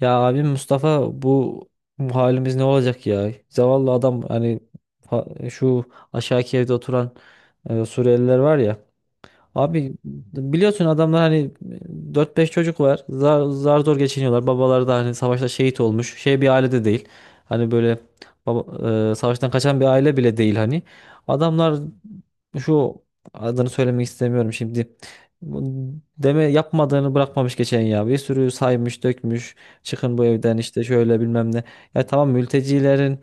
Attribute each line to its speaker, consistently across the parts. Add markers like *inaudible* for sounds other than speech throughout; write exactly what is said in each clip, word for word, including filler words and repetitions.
Speaker 1: Ya abim Mustafa bu, bu halimiz ne olacak ya? Zavallı adam hani fa- şu aşağıki evde oturan e, Suriyeliler var ya. Abi, biliyorsun adamlar hani e, dört beş çocuk var. Zar, zar zor geçiniyorlar. Babaları da hani savaşta şehit olmuş. Şey, bir ailede değil. Hani böyle baba, e, savaştan kaçan bir aile bile değil hani. Adamlar şu adını söylemek istemiyorum şimdi. Bu Deme yapmadığını bırakmamış geçen ya. Bir sürü saymış, dökmüş. Çıkın bu evden işte, şöyle bilmem ne. Ya tamam, mültecilerin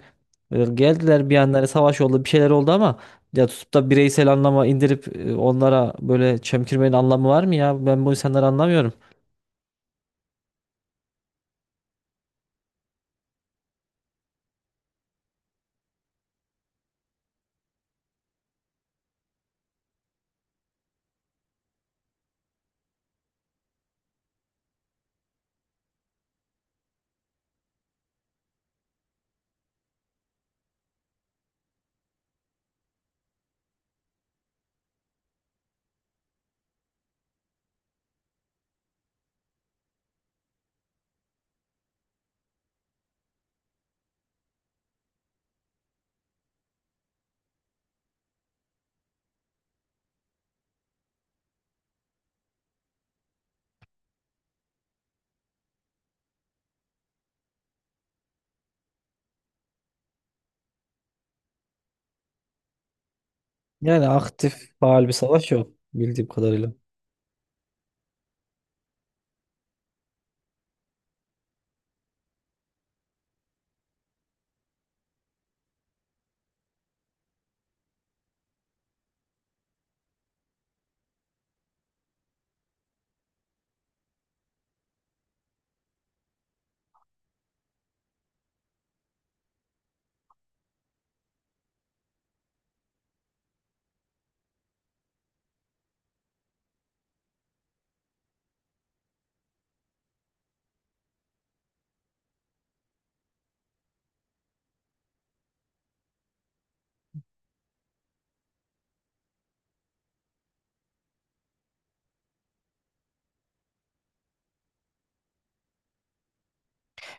Speaker 1: e, geldiler, bir yandan hani savaş oldu, bir şeyler oldu, ama ya tutup da bireysel anlama indirip e, onlara böyle çemkirmenin anlamı var mı ya? Ben bu insanları anlamıyorum. Yani aktif faal bir savaş yok bildiğim kadarıyla.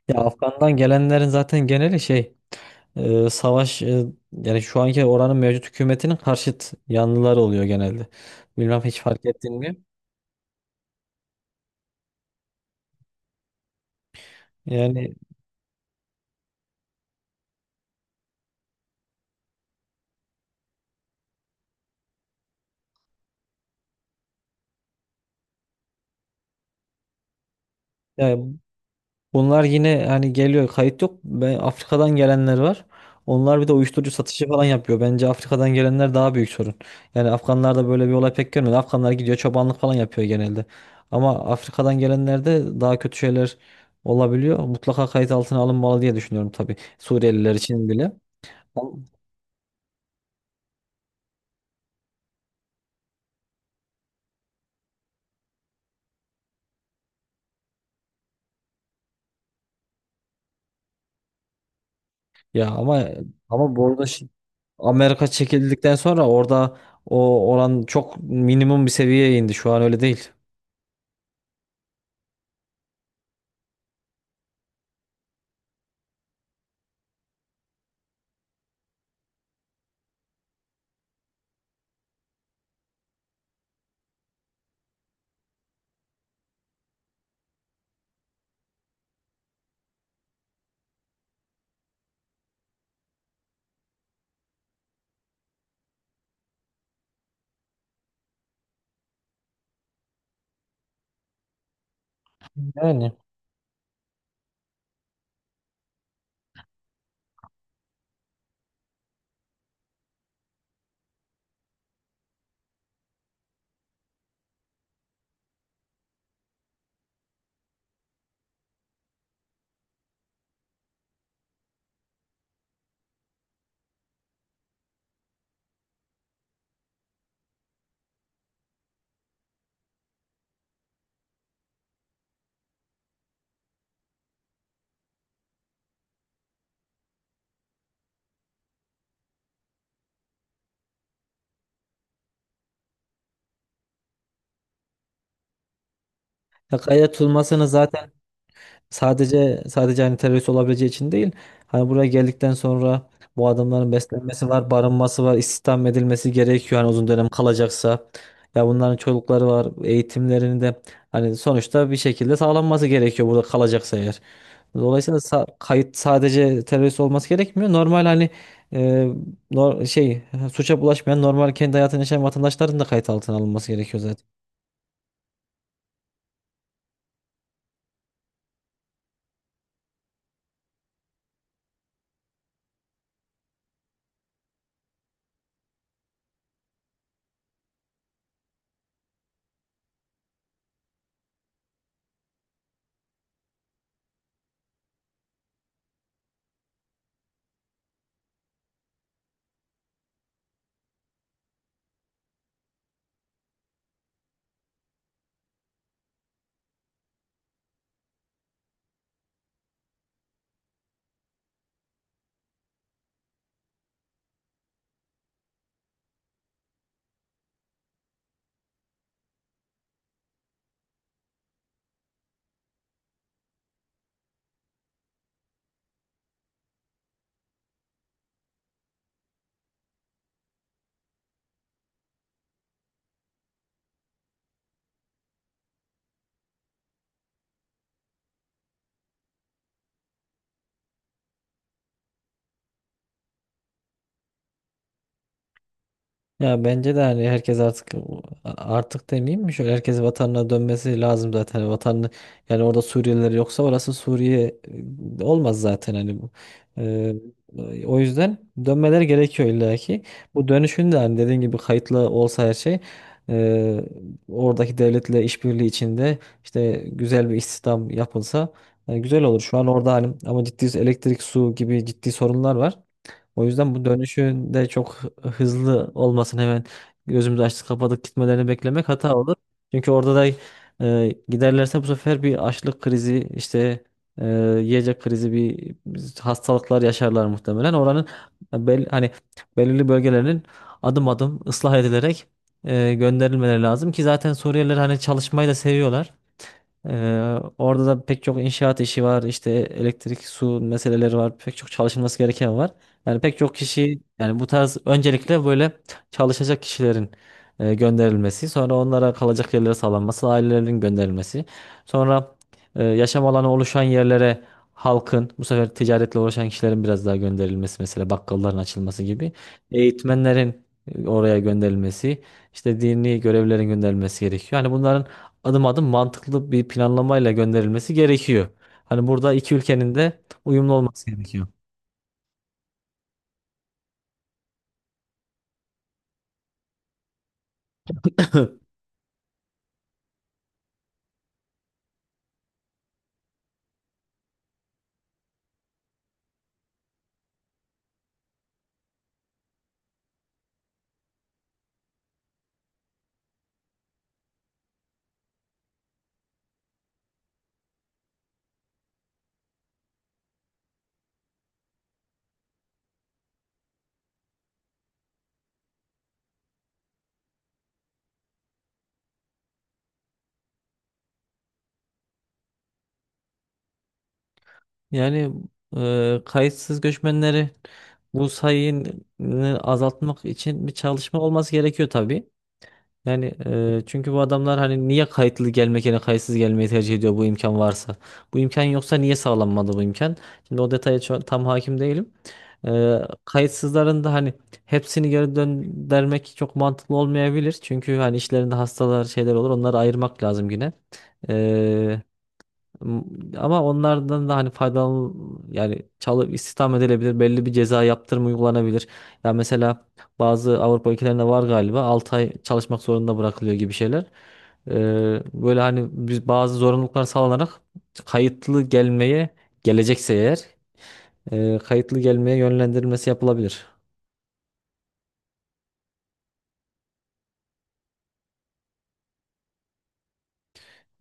Speaker 1: Ya Afgan'dan gelenlerin zaten geneli şey, e, savaş, e, yani şu anki oranın mevcut hükümetinin karşıt yanlıları oluyor genelde. Bilmem, hiç fark ettin mi? Yani, yani bunlar yine hani geliyor, kayıt yok. Ben, Afrika'dan gelenler var. Onlar bir de uyuşturucu satışı falan yapıyor. Bence Afrika'dan gelenler daha büyük sorun. Yani Afganlarda böyle bir olay pek görmedim. Afganlar gidiyor, çobanlık falan yapıyor genelde. Ama Afrika'dan gelenlerde daha kötü şeyler olabiliyor. Mutlaka kayıt altına alınmalı diye düşünüyorum tabii. Suriyeliler için bile. Ama- Ya ama, ama bu arada şi- Amerika çekildikten sonra orada o oran çok minimum bir seviyeye indi. Şu an öyle değil. Yani. Ya, kayda tutulmasını zaten. Sadece sadece hani terörist olabileceği için değil. Hani buraya geldikten sonra bu adamların beslenmesi var, barınması var, istihdam edilmesi gerekiyor hani uzun dönem kalacaksa. Ya bunların çocukları var, eğitimlerini de hani sonuçta bir şekilde sağlanması gerekiyor burada kalacaksa eğer. Dolayısıyla sa- kayıt sadece terörist olması gerekmiyor. Normal hani, e, nor- şey suça bulaşmayan normal kendi hayatını yaşayan vatandaşların da kayıt altına alınması gerekiyor. Ya bence de hani herkes artık, artık demeyeyim mi? Şöyle, herkes vatanına dönmesi lazım zaten. Vatanını, yani orada Suriyeliler yoksa orası Suriye e, olmaz zaten hani bu. Ee, O yüzden dönmeleri gerekiyor illa ki. Bu dönüşün de hani dediğin gibi kayıtlı olsa, her şey e, oradaki devletle işbirliği içinde, işte güzel bir istihdam yapılsa e, güzel olur. Şu an orada hani ama ciddi elektrik, su gibi ciddi sorunlar var. O yüzden bu dönüşün de çok hızlı olmasın, hemen gözümüzü açtık kapadık gitmelerini beklemek hata olur. Çünkü orada da e, giderlerse bu sefer bir açlık krizi, işte e, yiyecek krizi, bir hastalıklar yaşarlar muhtemelen. Oranın bel, hani belirli bölgelerinin adım adım ıslah edilerek e, gönderilmeleri lazım ki zaten Suriyeliler hani çalışmayı da seviyorlar. Ee, orada da pek çok inşaat işi var, işte elektrik, su meseleleri var, pek çok çalışılması gereken var. Yani pek çok kişi, yani bu tarz öncelikle böyle çalışacak kişilerin e, gönderilmesi, sonra onlara kalacak yerlere sağlanması, ailelerin gönderilmesi, sonra e, yaşam alanı oluşan yerlere halkın, bu sefer ticaretle uğraşan kişilerin biraz daha gönderilmesi, mesela bakkalların açılması gibi, eğitmenlerin e, oraya gönderilmesi, işte dini görevlilerin gönderilmesi gerekiyor. Yani bunların adım adım mantıklı bir planlamayla gönderilmesi gerekiyor. Hani burada iki ülkenin de uyumlu olması gerekiyor. *laughs* Yani e, kayıtsız göçmenleri, bu sayını azaltmak için bir çalışma olması gerekiyor tabii. Yani e, çünkü bu adamlar hani niye kayıtlı gelmek yerine kayıtsız gelmeyi tercih ediyor, bu imkan varsa? Bu imkan yoksa niye sağlanmadı bu imkan? Şimdi o detaya ço- tam hakim değilim. E, Kayıtsızların da hani hepsini geri döndürmek çok mantıklı olmayabilir. Çünkü hani işlerinde hastalar, şeyler olur, onları ayırmak lazım yine. M- Ama onlardan da hani faydalan, yani çalıp istihdam edilebilir. Belli bir ceza yaptırım uygulanabilir. Ya mesela bazı Avrupa ülkelerinde var galiba, 6 ay çalışmak zorunda bırakılıyor gibi şeyler. Ee, böyle hani biz bazı zorunluluklar sağlanarak kayıtlı gelmeye, gelecekse eğer e, kayıtlı gelmeye yönlendirilmesi yapılabilir.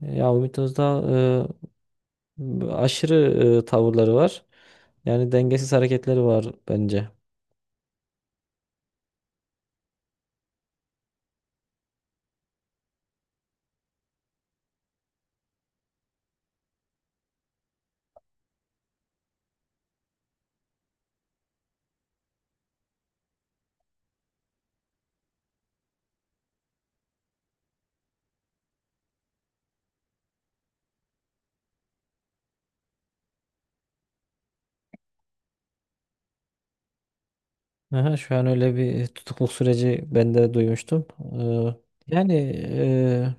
Speaker 1: Ya, Ümit Özdağ e, aşırı e, tavırları var. Yani dengesiz hareketleri var bence. Aha, şu an öyle bir tutukluk süreci ben de duymuştum. Ee, Yani e,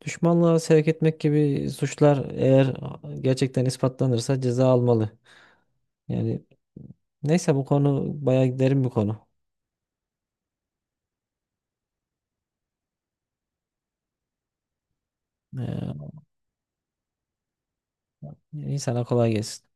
Speaker 1: düşmanlığa sevk etmek gibi suçlar eğer gerçekten ispatlanırsa ceza almalı. Yani neyse, bu konu bayağı derin bir konu. Ee, insana kolay gelsin.